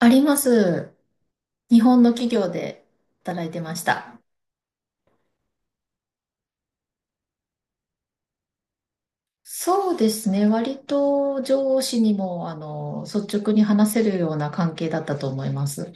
あります。日本の企業で働いてました。そうですね。割と上司にも、率直に話せるような関係だったと思います。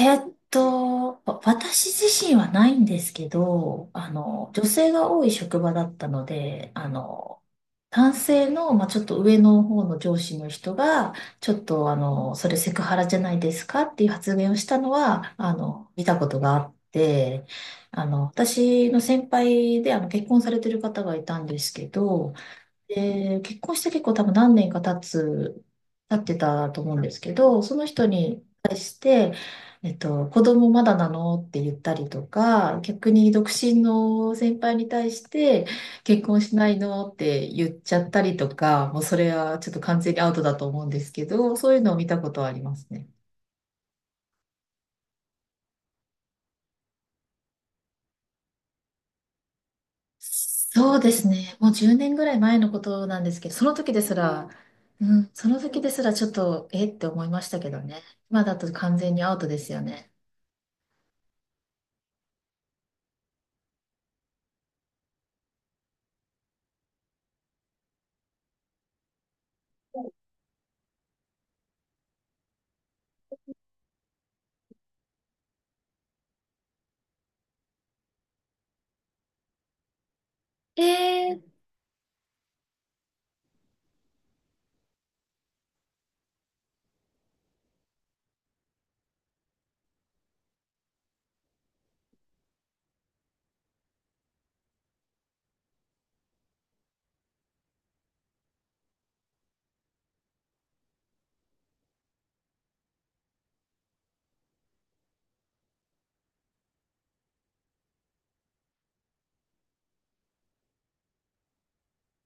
私自身はないんですけど、女性が多い職場だったので、男性の、まあ、ちょっと上の方の上司の人が、ちょっとそれセクハラじゃないですかっていう発言をしたのは、見たことがあって、私の先輩で結婚されてる方がいたんですけど、で、結婚して結構多分何年か経ってたと思うんですけど、その人に対して、子供まだなのって言ったりとか、逆に独身の先輩に対して、結婚しないのって言っちゃったりとか、もうそれはちょっと完全にアウトだと思うんですけど、そういうのを見たことはありますね。そうですね。もう10年ぐらい前のことなんですけど、その時ですら、うん、その時ですらちょっと、えって思いましたけどね。今だと完全にアウトですよね。えー、い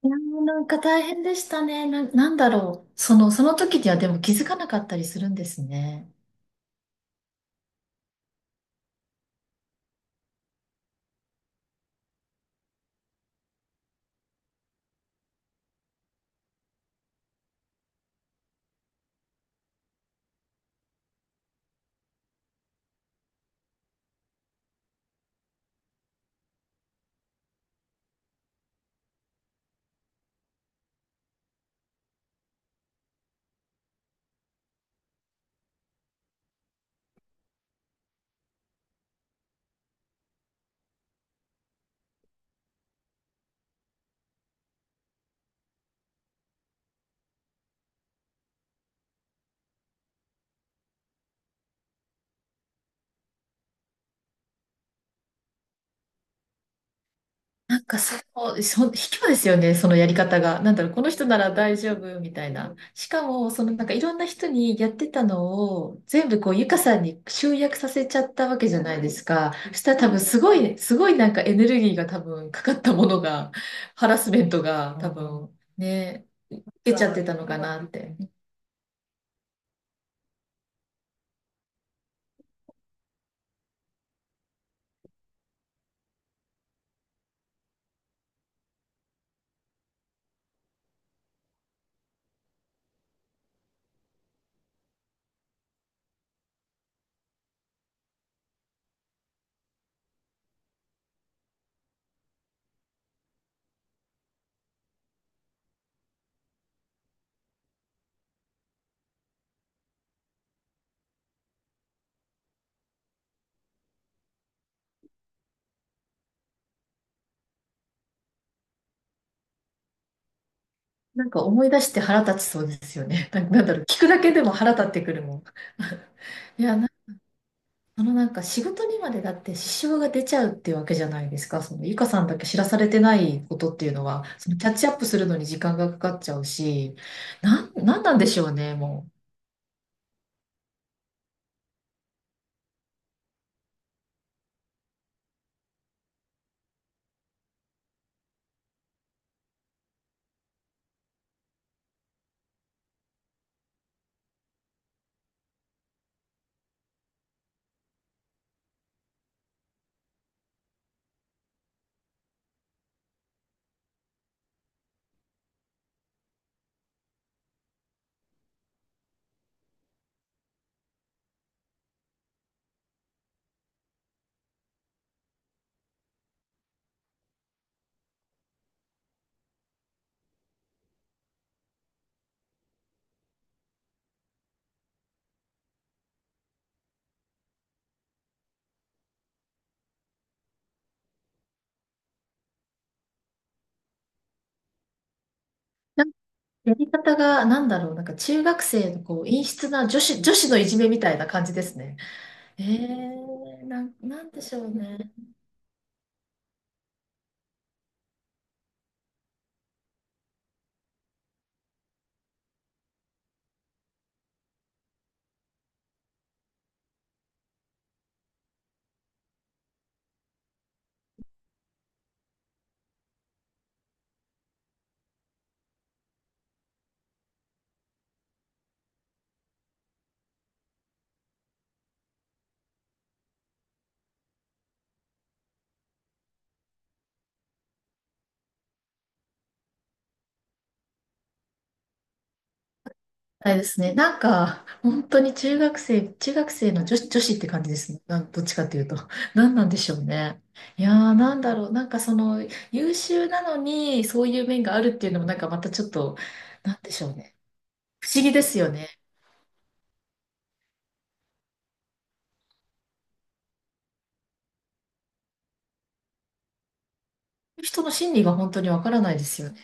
やなんか大変でしたね。なんだろう。その時にはでも気づかなかったりするんですね。なんか卑怯ですよね、そのやり方が。なんだろう、この人なら大丈夫みたいな。しかも、そのなんかいろんな人にやってたのを全部こう、ゆかさんに集約させちゃったわけじゃないですか。そしたら多分すごいなんかエネルギーが多分かかったものが、ハラスメントが多分ね、受けちゃってたのかなって。なんか思い出して腹立ちそうですよね。なんかなんだろう、聞くだけでも腹立ってくるもん。いや、あのなんか仕事にまでだって支障が出ちゃうっていうわけじゃないですか。そのゆかさんだけ知らされてないことっていうのは、そのキャッチアップするのに時間がかかっちゃうし、なんなんでしょうね、もう。なんかやり方が、なんだろう、なんか中学生のこう、陰湿な女子のいじめみたいな感じですね。えー、なんでしょうね。はいですね。なんか、本当に中学生の女子って感じですね。なん、どっちかというと。何なんでしょうね。いやー、なんだろう。なんかその、優秀なのに、そういう面があるっていうのも、なんかまたちょっと、なんでしょうね。不思議ですよね。人の心理が本当にわからないですよね。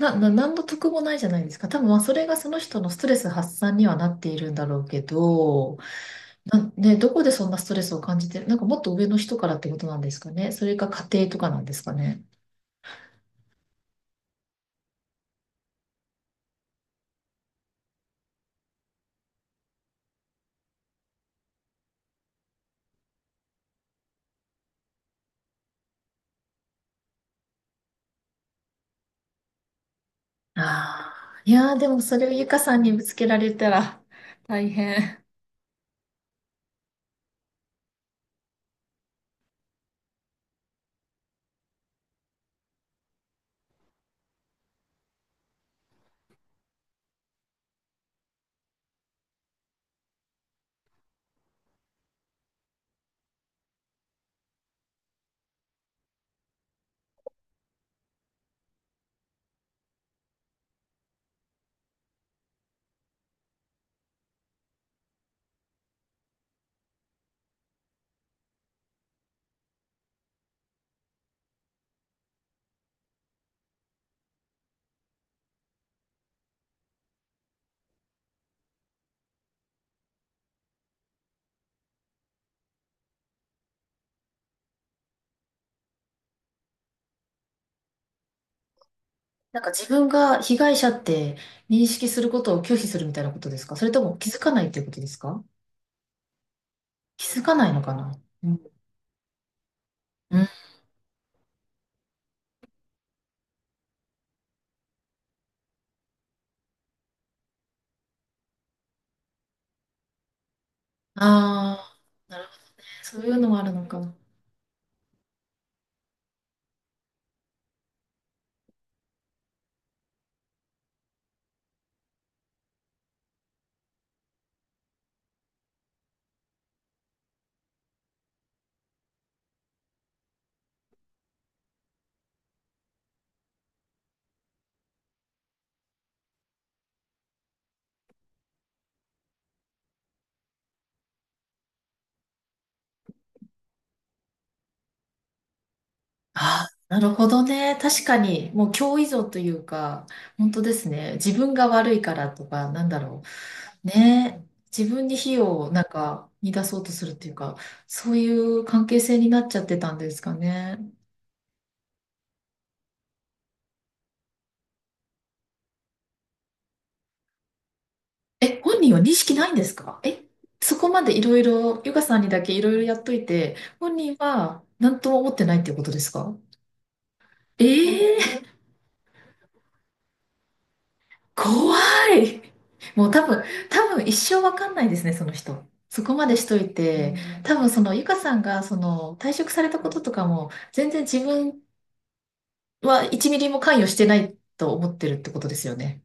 何の得もないじゃないですか。多分、まあ、それがその人のストレス発散にはなっているんだろうけど、な、ね、どこでそんなストレスを感じてなんかもっと上の人からってことなんですかね。それか家庭とかなんですかね。ああ、いやー、でもそれをゆかさんにぶつけられたら大変。なんか自分が被害者って認識することを拒否するみたいなことですか？それとも気づかないっていうことですか？気づかないのかな。うん。うん。ああ、なるほどね。そういうのもあるのかな。ああ、なるほどね。確かに、もう共依存というか、本当ですね。自分が悪いからとか、なんだろう。ねえ、自分に火をなんか逃出そうとするっていうか、そういう関係性になっちゃってたんですかね。え、本人は認識ないんですか？え、そこまでいろいろ、ゆかさんにだけいろいろやっといて、本人は何とも思ってないっていうことですか？ええー、怖い。もう多分、多分一生わかんないですね、その人。そこまでしといて、多分そのゆかさんがその退職されたこととかも全然自分は1ミリも関与してないと思ってるってことですよね。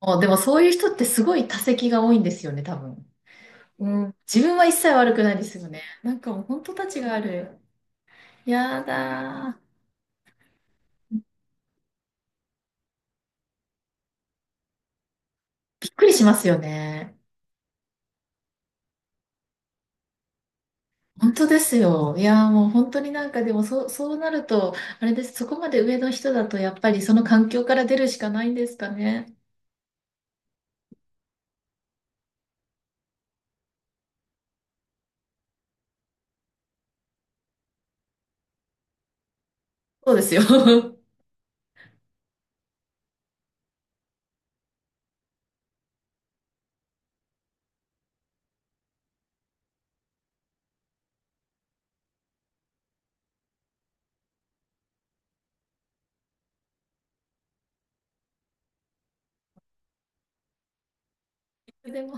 あ、でもそういう人ってすごい多責が多いんですよね、多分。うん。自分は一切悪くないですよね。なんかもう本当たちがある。やだー。びっくりしますよね。本当ですよ。いやーもう本当になんかでもそうなると、あれです。そこまで上の人だとやっぱりその環境から出るしかないんですかね。そうですよ。でも